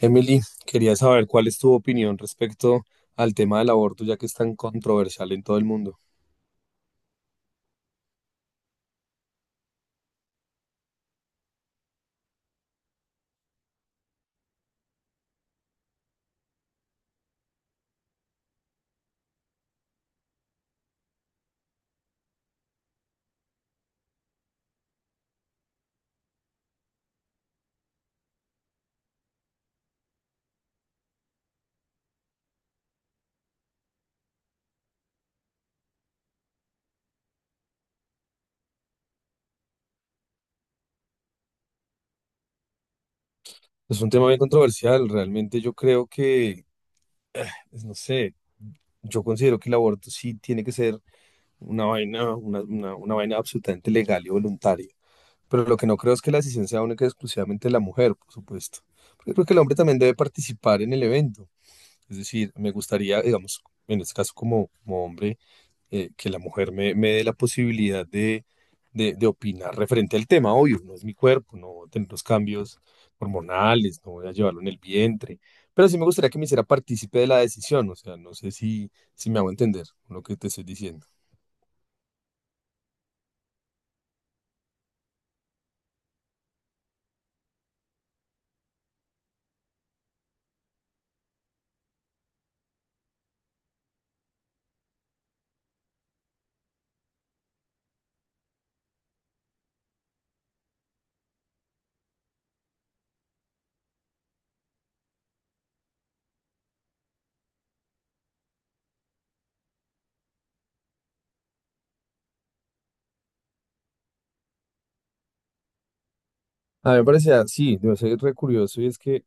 Emily, quería saber cuál es tu opinión respecto al tema del aborto, ya que es tan controversial en todo el mundo. Es un tema bien controversial, realmente yo creo que, pues, no sé, yo considero que el aborto sí tiene que ser una vaina, una vaina absolutamente legal y voluntaria, pero lo que no creo es que la decisión sea única y exclusivamente de la mujer, por supuesto, porque creo que el hombre también debe participar en el evento. Es decir, me gustaría, digamos, en este caso como hombre, que la mujer me dé la posibilidad de opinar referente al tema. Obvio, no es mi cuerpo, no voy a tener los cambios hormonales, no voy a llevarlo en el vientre, pero sí me gustaría que me hiciera partícipe de la decisión, o sea, no sé si me hago entender con lo que te estoy diciendo. A mí me parecía, sí, debe ser re curioso y es que,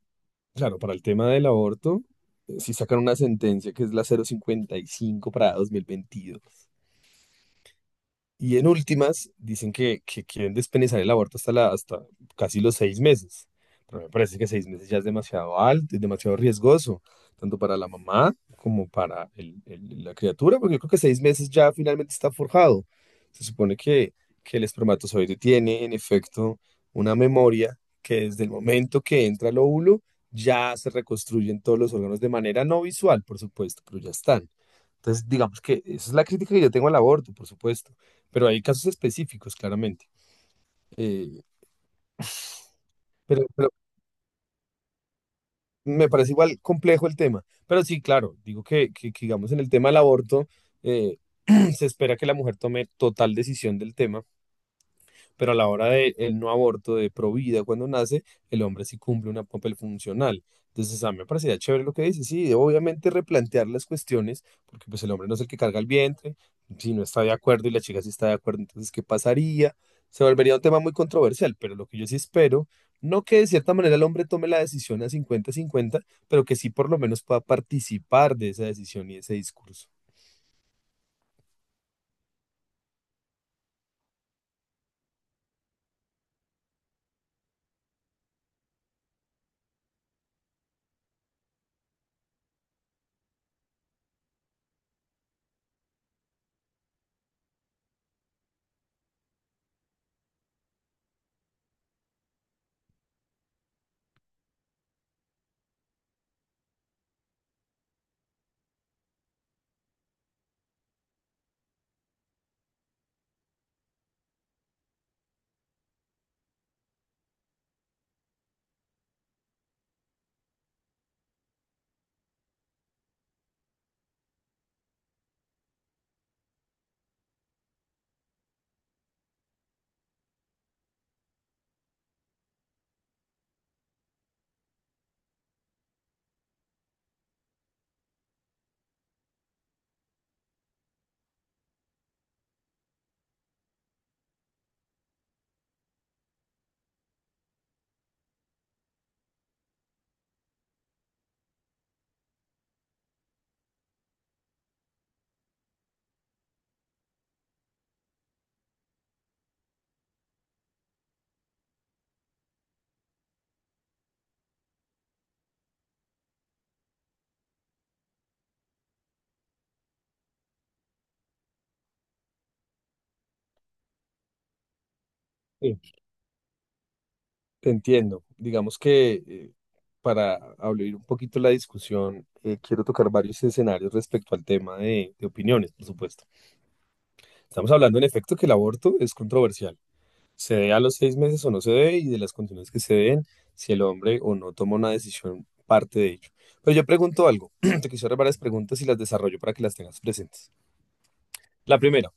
claro, para el tema del aborto, si sacan una sentencia que es la 055 para 2022. Y en últimas, dicen que quieren despenalizar el aborto hasta casi los 6 meses. Pero me parece que 6 meses ya es demasiado alto, es demasiado riesgoso, tanto para la mamá como para la criatura, porque yo creo que 6 meses ya finalmente está forjado. Se supone que el espermatozoide tiene, en efecto, una memoria que desde el momento que entra el óvulo ya se reconstruyen todos los órganos de manera no visual, por supuesto, pero ya están. Entonces, digamos que esa es la crítica que yo tengo al aborto, por supuesto, pero hay casos específicos, claramente. Eh, pero me parece igual complejo el tema. Pero sí, claro, digo que digamos, en el tema del aborto, eh, se espera que la mujer tome total decisión del tema. Pero a la hora del no aborto de pro vida cuando nace, el hombre sí cumple un papel funcional. Entonces, a mí me parecía chévere lo que dice. Sí, obviamente replantear las cuestiones, porque pues el hombre no es el que carga el vientre, si no está de acuerdo y la chica sí está de acuerdo, entonces, ¿qué pasaría? Se volvería un tema muy controversial, pero lo que yo sí espero, no que de cierta manera el hombre tome la decisión a 50-50, pero que sí por lo menos pueda participar de esa decisión y ese discurso. Sí. Entiendo. Digamos que para abrir un poquito la discusión, quiero tocar varios escenarios respecto al tema de opiniones, por supuesto. Estamos hablando en efecto que el aborto es controversial. Se dé a los 6 meses o no se dé y de las condiciones que se den, si el hombre o no toma una decisión parte de ello. Pero yo pregunto algo, te quisiera varias preguntas y las desarrollo para que las tengas presentes. La primera,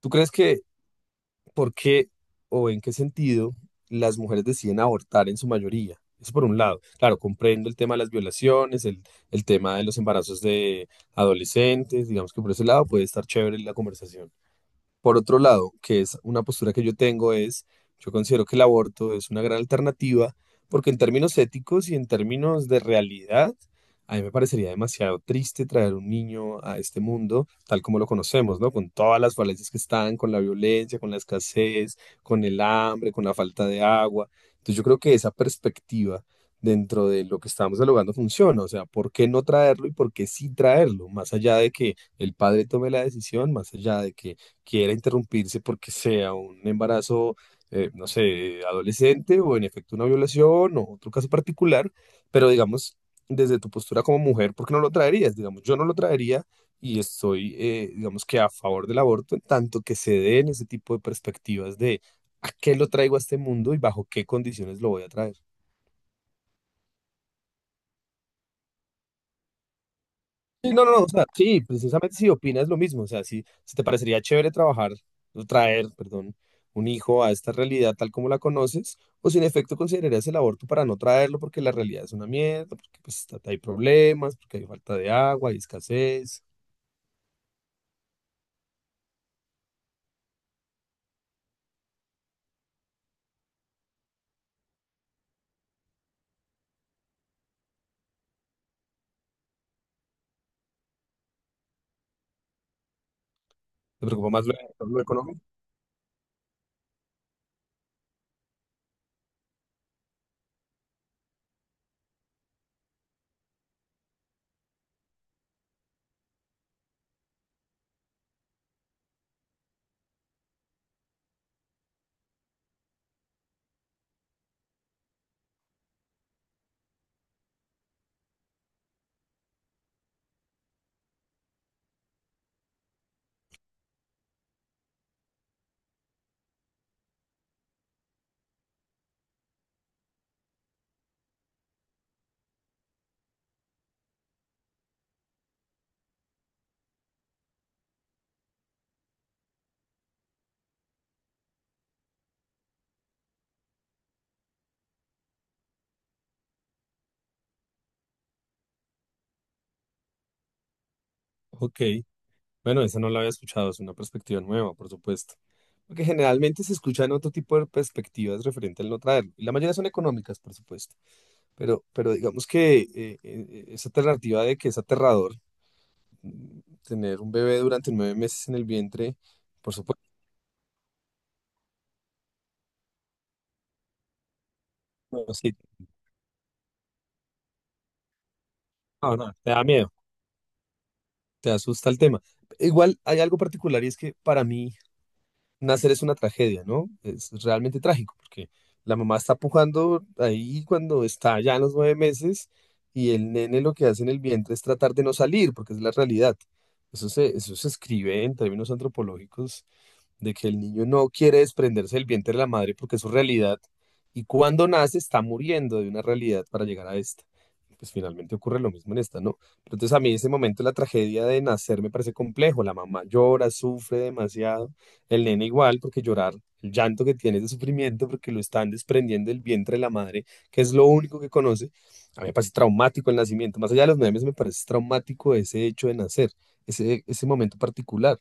¿tú crees que ¿Por qué o en qué sentido las mujeres deciden abortar en su mayoría? Eso por un lado. Claro, comprendo el tema de las violaciones, el tema de los embarazos de adolescentes, digamos que por ese lado puede estar chévere la conversación. Por otro lado, que es una postura que yo tengo, es, yo considero que el aborto es una gran alternativa porque en términos éticos y en términos de realidad, a mí me parecería demasiado triste traer un niño a este mundo tal como lo conocemos, ¿no? Con todas las falencias que están, con la violencia, con la escasez, con el hambre, con la falta de agua. Entonces yo creo que esa perspectiva dentro de lo que estamos dialogando funciona. O sea, ¿por qué no traerlo y por qué sí traerlo? Más allá de que el padre tome la decisión, más allá de que quiera interrumpirse porque sea un embarazo, no sé, adolescente o en efecto una violación o otro caso particular, pero digamos, desde tu postura como mujer, ¿por qué no lo traerías? Digamos, yo no lo traería y estoy, digamos que a favor del aborto en tanto que se den ese tipo de perspectivas de a qué lo traigo a este mundo y bajo qué condiciones lo voy a traer. Sí, no, no, no, o sea, sí, precisamente si opinas lo mismo, o sea, si te parecería chévere trabajar, o traer, perdón, un hijo a esta realidad tal como la conoces, o si en efecto considerarías el aborto para no traerlo porque la realidad es una mierda, porque pues, hay problemas, porque hay falta de agua, hay escasez, te preocupa más lo económico. Ok, bueno, esa no la había escuchado, es una perspectiva nueva, por supuesto, porque generalmente se escuchan otro tipo de perspectivas referente al no traerlo, y la mayoría son económicas, por supuesto. Pero digamos que esa alternativa de que es aterrador, tener un bebé durante 9 meses en el vientre, por supuesto, no, no, sí, no, no, te da miedo, te asusta el tema. Igual hay algo particular y es que para mí nacer es una tragedia, ¿no? Es realmente trágico porque la mamá está pujando ahí cuando está ya en los 9 meses y el nene lo que hace en el vientre es tratar de no salir porque es la realidad. Eso se escribe en términos antropológicos de que el niño no quiere desprenderse del vientre de la madre porque es su realidad y cuando nace está muriendo de una realidad para llegar a esta. Pues finalmente ocurre lo mismo en esta, ¿no? Pero entonces a mí ese momento la tragedia de nacer me parece complejo. La mamá llora, sufre demasiado, el nene igual porque llorar, el llanto que tiene es de sufrimiento porque lo están desprendiendo del vientre de la madre, que es lo único que conoce. A mí me parece traumático el nacimiento. Más allá de los memes me parece traumático ese hecho de nacer, ese momento particular.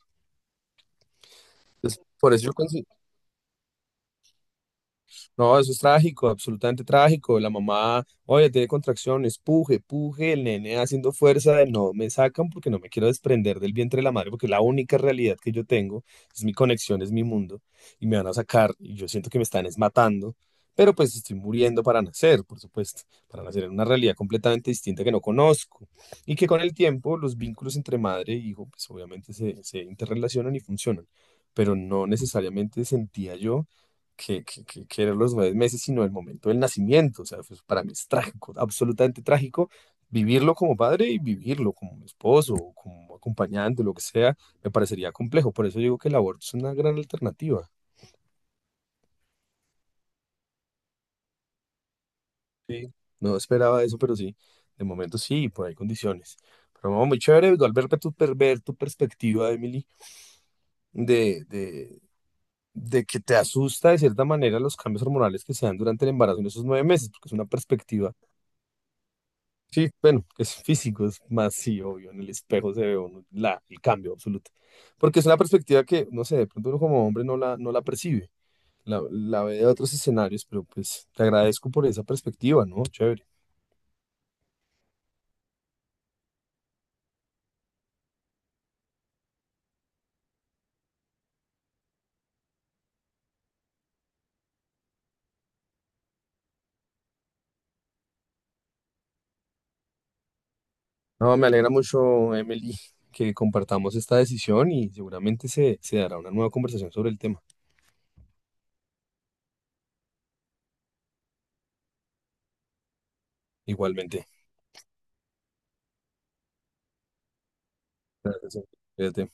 Entonces, por eso yo. No, eso es trágico, absolutamente trágico. La mamá, oye, tiene contracciones, puje, puje, el nene haciendo fuerza de no me sacan porque no me quiero desprender del vientre de la madre, porque es la única realidad que yo tengo, es mi conexión, es mi mundo, y me van a sacar, y yo siento que me están es matando, pero pues estoy muriendo para nacer, por supuesto, para nacer en una realidad completamente distinta que no conozco, y que con el tiempo los vínculos entre madre e hijo, pues obviamente se interrelacionan y funcionan, pero no necesariamente sentía yo que eran los 9 meses, sino el momento del nacimiento. O sea, pues, para mí es trágico, absolutamente trágico vivirlo como padre y vivirlo como esposo, o como acompañante, lo que sea, me parecería complejo. Por eso digo que el aborto es una gran alternativa. Sí. No esperaba eso, pero sí, de momento sí, por ahí condiciones. Pero no, muy chévere, igual ver tu perspectiva, Emily, de, de, de que te asusta de cierta manera los cambios hormonales que se dan durante el embarazo en esos 9 meses, porque es una perspectiva. Sí, bueno, es físico, es más, sí, obvio, en el espejo se ve uno la, el cambio absoluto. Porque es una perspectiva que, no sé, de pronto uno como hombre no la percibe, la ve de otros escenarios, pero pues te agradezco por esa perspectiva, ¿no? Chévere. No, me alegra mucho, Emily, que compartamos esta decisión y seguramente se dará una nueva conversación sobre el tema. Igualmente. Gracias. Cuídate.